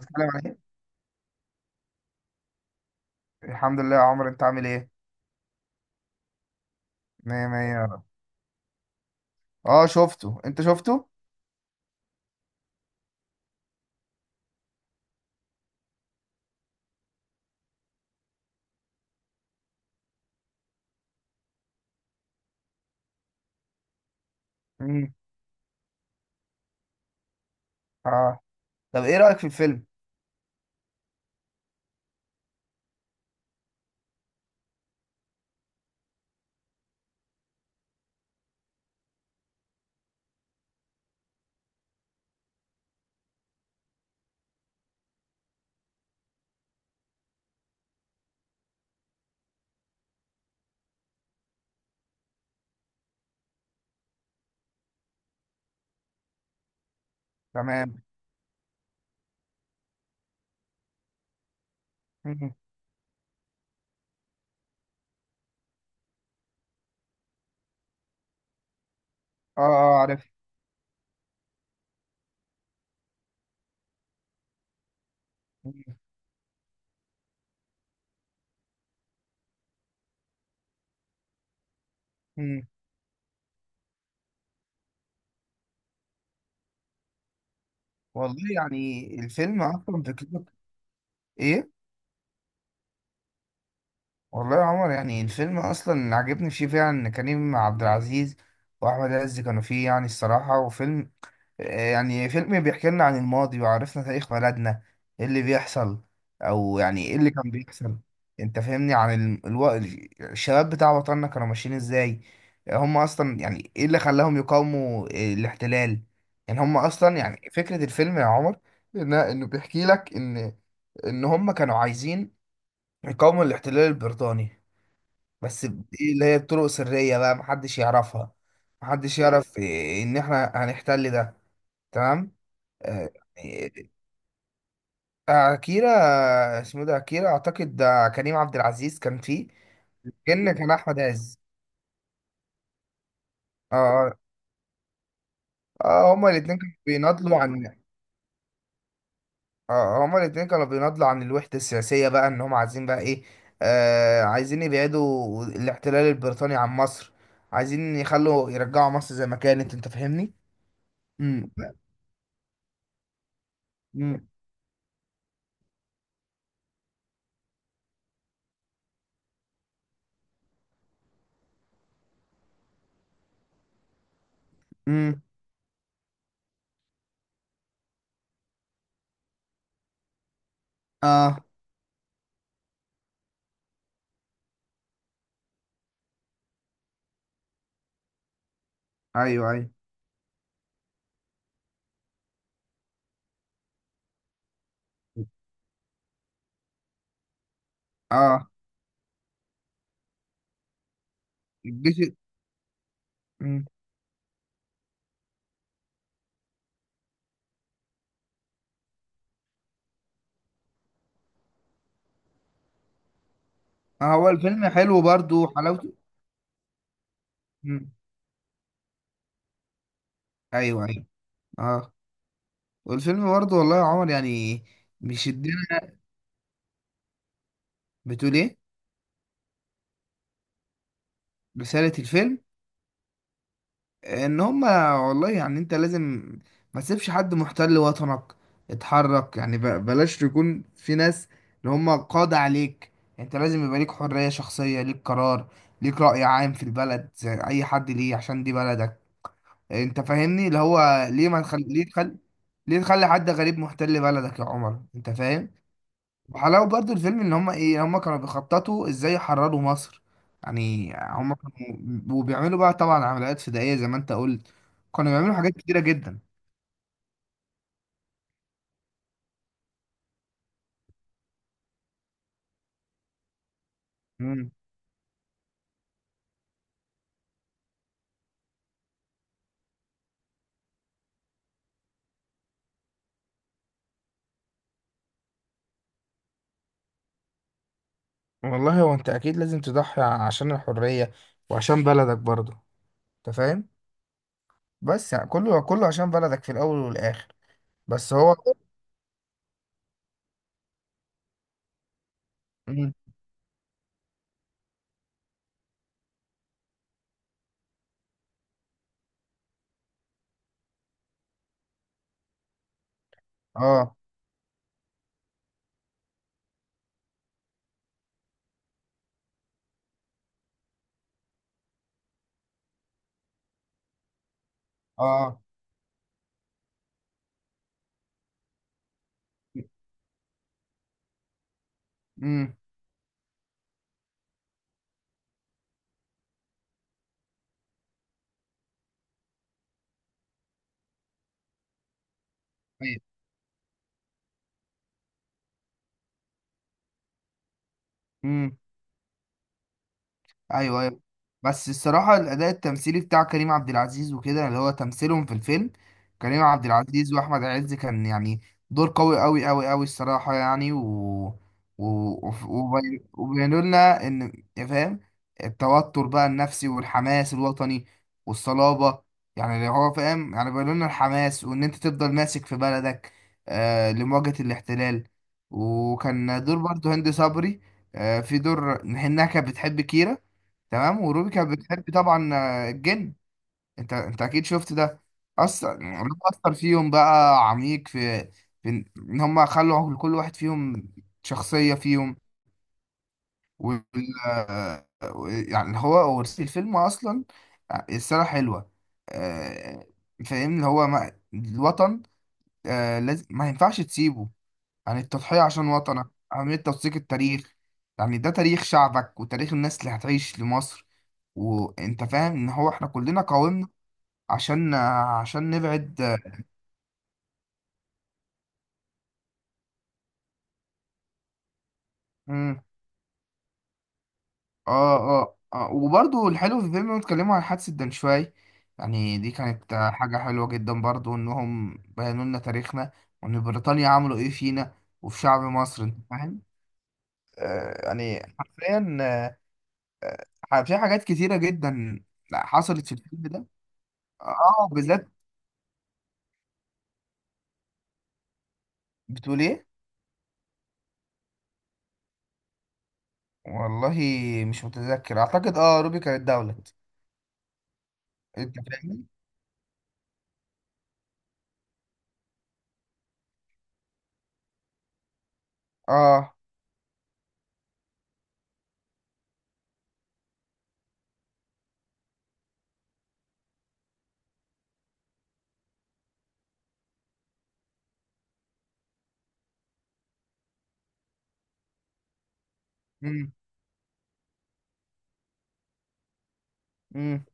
السلام عليكم. الحمد لله يا عمرو، انت عامل ايه؟ مية مية يا رب. اه شفته، انت شفته؟ مم. اه، طب ايه رأيك في الفيلم؟ تمام. مم. اه اه عارف. مم. مم. والله يعني الفيلم اصلا فكرته ايه؟ والله يا عمر، يعني الفيلم اصلا عجبني فيه فعلا ان كريم عبد العزيز واحمد عز كانوا فيه، يعني الصراحة، وفيلم يعني فيلم بيحكي لنا عن الماضي وعرفنا تاريخ بلدنا، ايه اللي بيحصل او يعني ايه اللي كان بيحصل. انت فاهمني؟ عن الشباب بتاع وطننا كانوا ماشيين ازاي، هم اصلا يعني ايه اللي خلاهم يقاوموا الاحتلال. يعني هم اصلا يعني فكرة الفيلم يا عمر انه بيحكي لك ان هم كانوا عايزين يقاوموا الاحتلال البريطاني، بس دي اللي هي بطرق سرية بقى محدش يعرفها، محدش يعرف إيه ان احنا هنحتل ده. تمام. آه، يعني اكيرا، اسمه إيه ده، اكيرا اعتقد ده كريم عبد العزيز كان فيه. كان احمد عز. اه اه. هما الاتنين كانوا بيناضلوا عن، اه هما الاتنين كانوا بيناضلوا عن الوحدة السياسية، بقى ان هما عايزين بقى ايه، آه عايزين يبعدوا الاحتلال البريطاني عن مصر، عايزين يخلوا يرجعوا مصر زي ما كانت. انت فاهمني؟ امم. امم. امم. اه. ايوه ايوه. اه. الجيش. مم. آه هو الفيلم حلو، برضو حلاوته. مم. ايوه ايوه. اه والفيلم برضه والله يا عمر يعني بيشدنا. بتقول ايه؟ رسالة الفيلم ان هما، والله يعني انت لازم ما تسيبش حد محتل وطنك، اتحرك، يعني بلاش يكون في ناس اللي هما قاضي عليك. انت لازم يبقى ليك حرية شخصية، ليك قرار، ليك رأي عام في البلد زي اي حد ليه، عشان دي بلدك. انت فاهمني؟ اللي هو ليه ما تخلي، ليه تخلي، ليه تخلي حد غريب محتل بلدك يا عمر؟ انت فاهم؟ وحلاوة برضو الفيلم ان هم ايه، هم كانوا بيخططوا ازاي يحرروا مصر. يعني هم كانوا وبيعملوا بقى طبعا عمليات فدائية زي ما انت قلت، كانوا بيعملوا حاجات كتيرة جدا. مم. والله هو انت اكيد لازم تضحي عشان الحرية وعشان بلدك برضو. انت فاهم؟ بس يعني كله كله عشان بلدك في الاول والاخر. بس هو. مم. اه اه. امم. ايوه ايوه. بس الصراحه الاداء التمثيلي بتاع كريم عبد العزيز وكده، اللي هو تمثيلهم في الفيلم، كريم عبد العزيز واحمد عز، كان يعني دور قوي قوي قوي قوي الصراحه، يعني وبينوا لنا ان، يا فاهم، التوتر بقى النفسي والحماس الوطني والصلابه، يعني اللي هو فاهم يعني بينوا لنا الحماس وان انت تفضل ماسك في بلدك آه لمواجهه الاحتلال. وكان دور برضه هند صبري، آه في دور انها كانت بتحب كيرة، تمام، وروبي كانت بتحب طبعا الجن. انت انت اكيد شفت ده، اثر يعني اثر فيهم بقى عميق في ان إن هم خلوا لكل واحد فيهم شخصية فيهم. وال آه، يعني هو ورث الفيلم اصلا السنة حلوة. آه، فاهمني اللي هو ما... الوطن لازم ما ينفعش تسيبه، عن التضحية عشان وطنك، أهمية توثيق التاريخ، يعني ده تاريخ شعبك وتاريخ الناس اللي هتعيش لمصر. وانت فاهم ان هو احنا كلنا قاومنا عشان، عشان نبعد. مم. اه اه اه، وبرضو الحلو في الفيلم إنهم اتكلموا عن حادثة دنشواي، يعني دي كانت حاجة حلوة جدا برضو انهم بينوا لنا تاريخنا، وان بريطانيا عملوا ايه فينا وفي شعب مصر. انت فاهم؟ آه يعني حرفيا في حاجات كتيرة جدا حصلت في الفيلم ده، اه بالذات. بتقول ايه؟ والله مش متذكر، اعتقد اه روبي كانت دولة. انت فاهمني؟ اه. امم.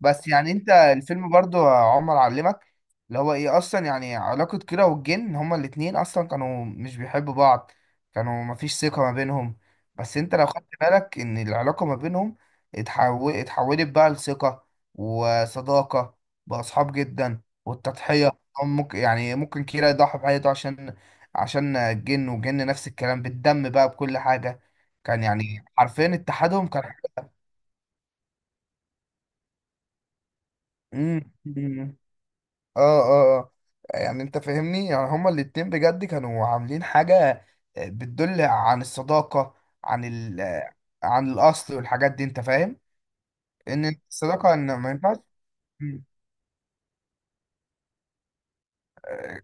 بس يعني انت الفيلم برضو يا عمر علمك اللي هو ايه، اصلا يعني علاقة كيرة والجن، هما الاتنين اصلا كانوا مش بيحبوا بعض، كانوا مفيش ثقة ما بينهم. بس انت لو خدت بالك ان العلاقة ما بينهم اتحولت بقى لثقة وصداقة، بقى اصحاب جدا، والتضحية، هم ممكن يعني ممكن كيرة يضحي بحياته عشان، عشان الجن، والجن نفس الكلام بالدم بقى بكل حاجة. كان يعني حرفيا اتحادهم كان. مم. اه اه اه. يعني انت فاهمني، يعني هما الاتنين بجد كانوا عاملين حاجة بتدل عن الصداقة، عن ال آه، عن الأصل والحاجات دي. انت فاهم ان الصداقة ان ما ينفعش. مم.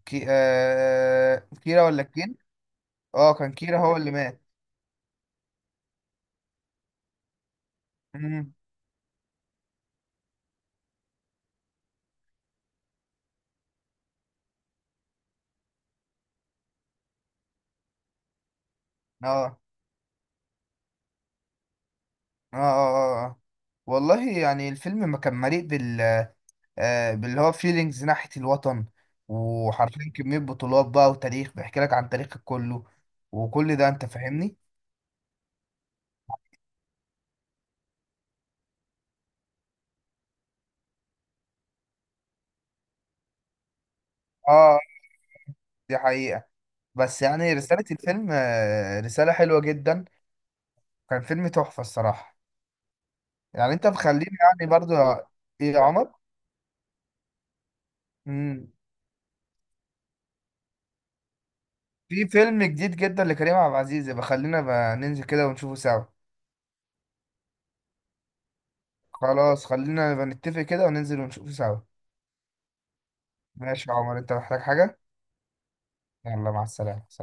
كيرا ولا كين؟ اه كان كيرا هو اللي مات. مم. اه اه اه اه آه. والله يعني الفيلم ما كان مليء بال باللي هو فيلينجز ناحية الوطن، وحرفيا كمية بطولات بقى، وتاريخ بيحكي لك عن تاريخك كله، وكل ده. انت فاهمني؟ اه دي حقيقة. بس يعني رسالة الفيلم رسالة حلوة جدا، كان فيلم تحفة الصراحة. يعني انت مخليني، يعني برضو ايه يا عمر. مم. في فيلم جديد جدا لكريم عبد العزيز، يبقى خلينا بقى ننزل كده ونشوفه سوا. خلاص خلينا بقى نتفق كده وننزل ونشوفه سوا. ماشي يا عمر، انت محتاج حاجة؟ يلا مع السلامة، سلام.